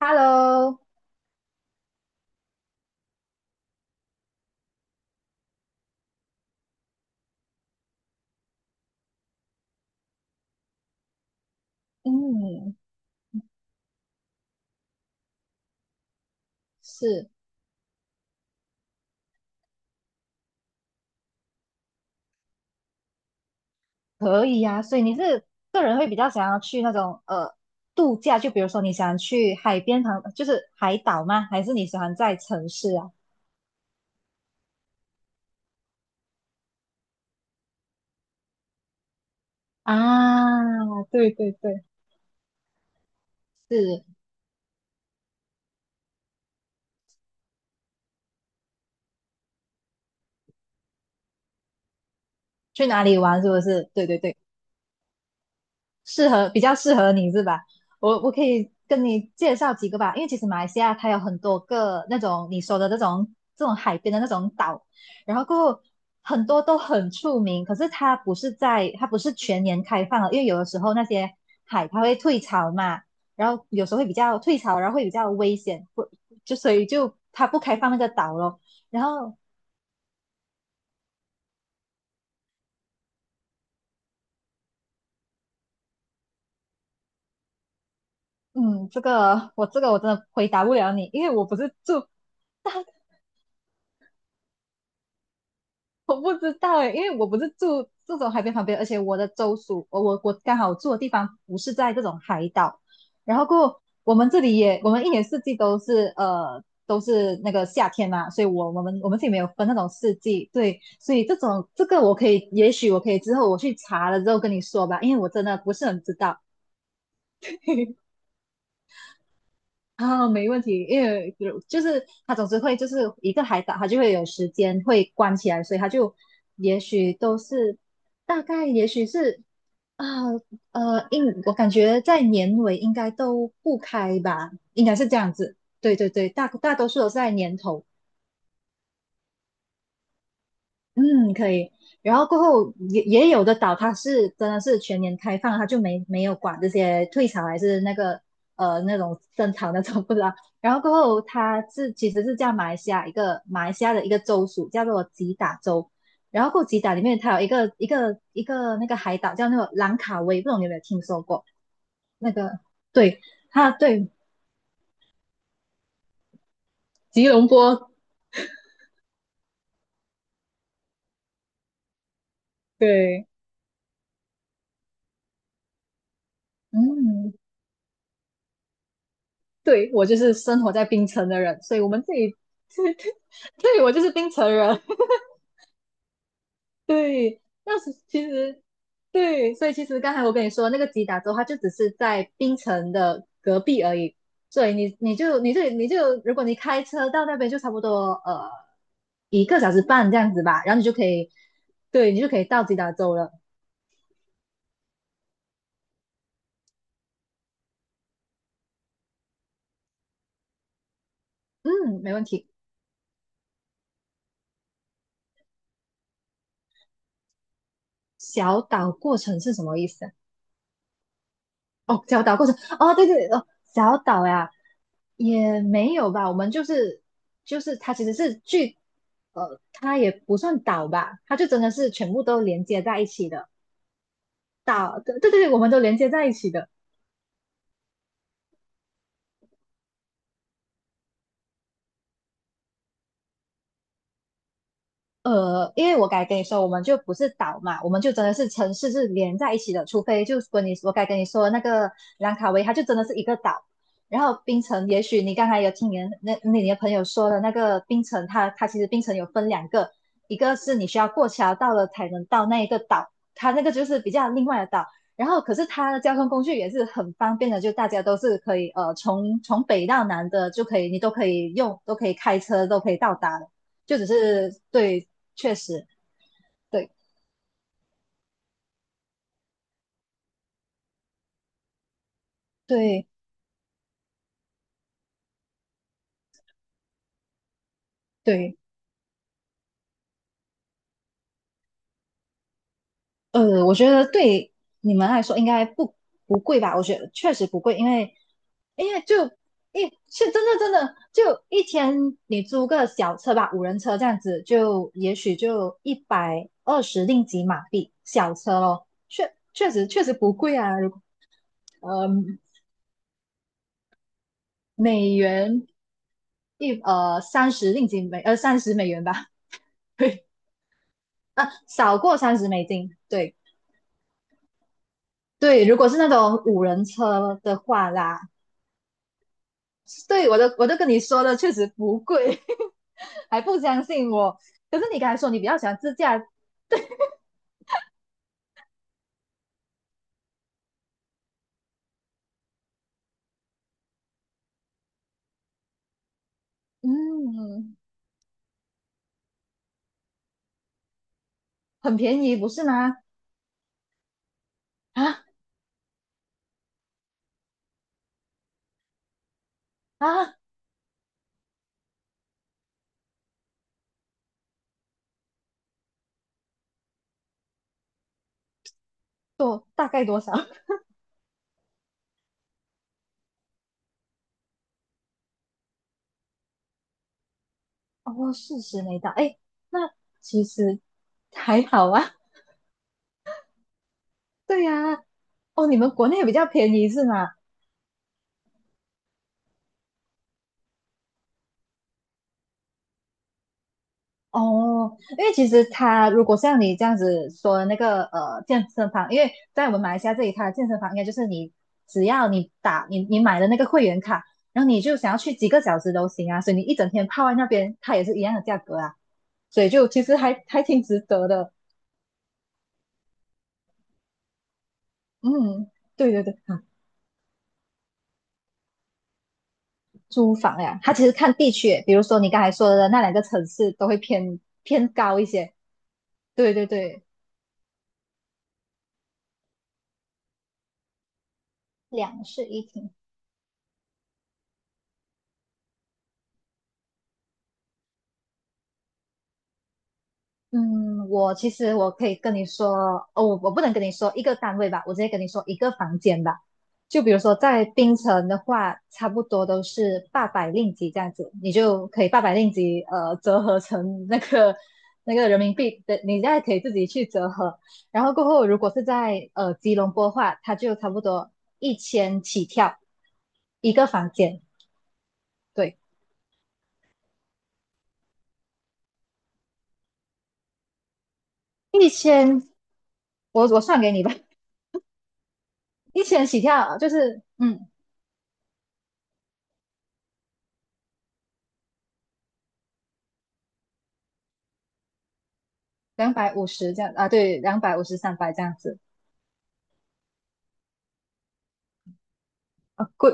Hello。嗯。是。可以呀，所以你是个人会比较想要去那种度假，就比如说你想去海边旁，就是海岛吗？还是你喜欢在城市啊？啊，对对对，是去哪里玩是不是？对对对。比较适合你是吧？我可以跟你介绍几个吧，因为其实马来西亚它有很多个那种你说的这种海边的那种岛。然后过后很多都很出名，可是它不是全年开放的，因为有的时候那些海它会退潮嘛，然后有时候会比较退潮，然后会比较危险，不就所以就它不开放那个岛咯。然后嗯，这个我真的回答不了你，因为我不是住。大。我不知道诶，因为我不是住这种海边旁边，而且我的州属，我刚好住的地方不是在这种海岛，然后过后我们这里也，我们一年四季都是呃都是那个夏天嘛，所以我们这里没有分那种四季。对，所以这种这个我可以，也许我可以之后我去查了之后跟你说吧，因为我真的不是很知道。啊，没问题，因为就是他总是会就是一个海岛，他就会有时间会关起来，所以他就也许都是，大概也许是啊，我感觉在年尾应该都不开吧，应该是这样子。对对对，大多数都是在年头。嗯，可以。然后过后也有的岛，它是真的是全年开放，它就没有管这些退潮还是那个那种深潮那种不知道 然后过后它其实是叫马来西亚的一个州属，叫做吉打州。然后过后吉打里面它有一个那个海岛叫那个兰卡威，不知道你有没有听说过？那个对，它对吉隆坡。对。嗯。对我就是生活在槟城的人，所以我们这里 对我就是槟城人。对，那是其实对，所以其实刚才我跟你说那个吉打州，它就只是在槟城的隔壁而已，所以你你就你就你就如果你开车到那边就差不多一个小时半这样子吧，然后你就可以，对你就可以到吉打州了。嗯，没问题。小岛过程是什么意思啊？哦，小岛过程，哦，对对哦，小岛呀，也没有吧，我们就是就是它其实是剧，它也不算岛吧，它就真的是全部都连接在一起的岛。对对对，我们都连接在一起的。因为我该跟你说，我们就不是岛嘛，我们就真的是城市是连在一起的，除非就是跟你我该跟你说的那个兰卡威，它就真的是一个岛。然后槟城，也许你刚才有听你的朋友说的那个槟城，它其实槟城有分两个，一个是你需要过桥到了才能到那一个岛，它那个就是比较另外的岛。然后可是它的交通工具也是很方便的，就大家都是可以从北到南的就可以，你都可以用，都可以开车，都可以到达的。就只是对，确实。对对对，我觉得对你们来说应该不贵吧？我觉得确实不贵，因为就一是真的真的就一天你租个小车吧，五人车这样子，就也许就120令吉马币小车咯，确实不贵啊，如呃美元一30令吉美30美元吧。对啊，少过30美金，对。对，如果是那种五人车的话啦，对，我都跟你说了，确实不贵，还不相信我。可是你刚才说你比较喜欢自驾。嗯，很便宜，不是吗？啊啊，多大概多少？哦，40没到，哎，那其实还好啊。对呀。哦，你们国内比较便宜是吗？哦，因为其实他如果像你这样子说的那个健身房，因为在我们马来西亚这里，它的健身房应该就是你只要你打你你买的那个会员卡，然后你就想要去几个小时都行啊，所以你一整天泡在那边，它也是一样的价格啊，所以就其实还挺值得的。嗯，对对对。啊，租房呀，它其实看地区耶，比如说你刚才说的那两个城市都会偏高一些。对对对，两室一厅。嗯，我其实我可以跟你说，哦，我不能跟你说一个单位吧，我直接跟你说一个房间吧。就比如说在槟城的话，差不多都是八百令吉这样子，你就可以八百令吉，折合成那个那个人民币的，你再可以自己去折合。然后过后，如果是在吉隆坡的话，它就差不多一千起跳一个房间。对，一千，我算给你吧，一千起跳就是嗯。250这样啊，对，两百五十、300这样子。啊，贵。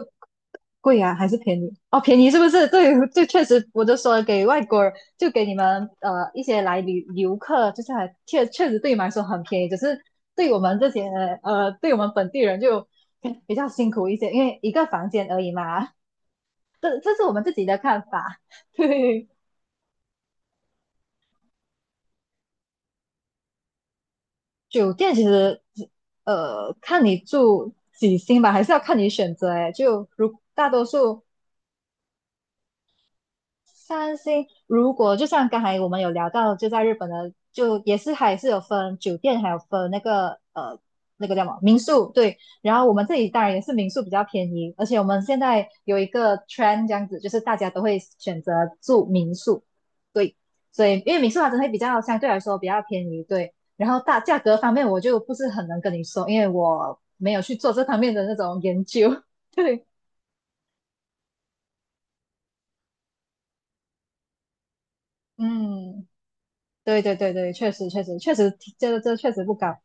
贵啊，还是便宜？哦，便宜是不是？对，这确实，我就说给外国人，就给你们一些来旅游客，就是还确实对你们来说很便宜，只是对我们这些呃，对我们本地人就比较辛苦一些，因为一个房间而已嘛。这这是我们自己的看法。对，酒店其实看你住几星吧，还是要看你选择。哎，就如大多数。三星，如果就像刚才我们有聊到，就在日本的，就也是还是有分酒店，还有分那个叫什么民宿，对。然后我们这里当然也是民宿比较便宜，而且我们现在有一个 trend 这样子，就是大家都会选择住民宿，对。所以因为民宿它真的会比较相对来说比较便宜，对。然后大价格方面我就不是很能跟你说，因为我没有去做这方面的那种研究，对，嗯。对对对对，确实确实确实，这确实不高。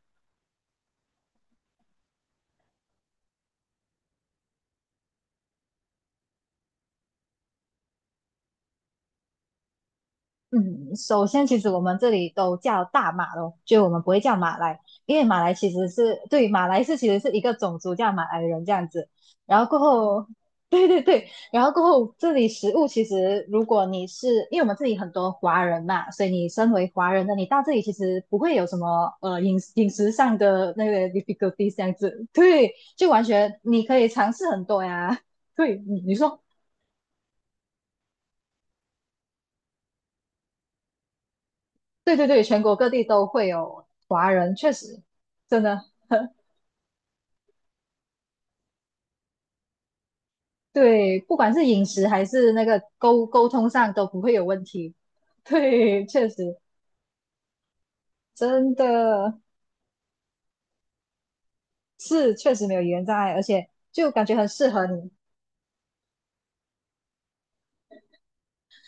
嗯，首先其实我们这里都叫大马咯，就我们不会叫马来，因为马来其实是对，马来其实是一个种族叫马来人这样子。然后过后，对对对，然后过后这里食物其实如果你是因为我们这里很多华人嘛，所以你身为华人的你到这里其实不会有什么饮食上的那个 difficulty 这样子，对，就完全你可以尝试很多呀。对，你你说。对对对，全国各地都会有华人，确实，真的。对，不管是饮食还是那个沟通上都不会有问题。对，确实，真的是确实没有语言障碍，而且就感觉很适合你。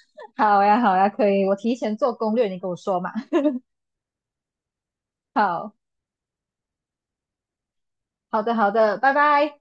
好呀，好呀，可以，我提前做攻略，你跟我说嘛。好，好的，好的，拜拜。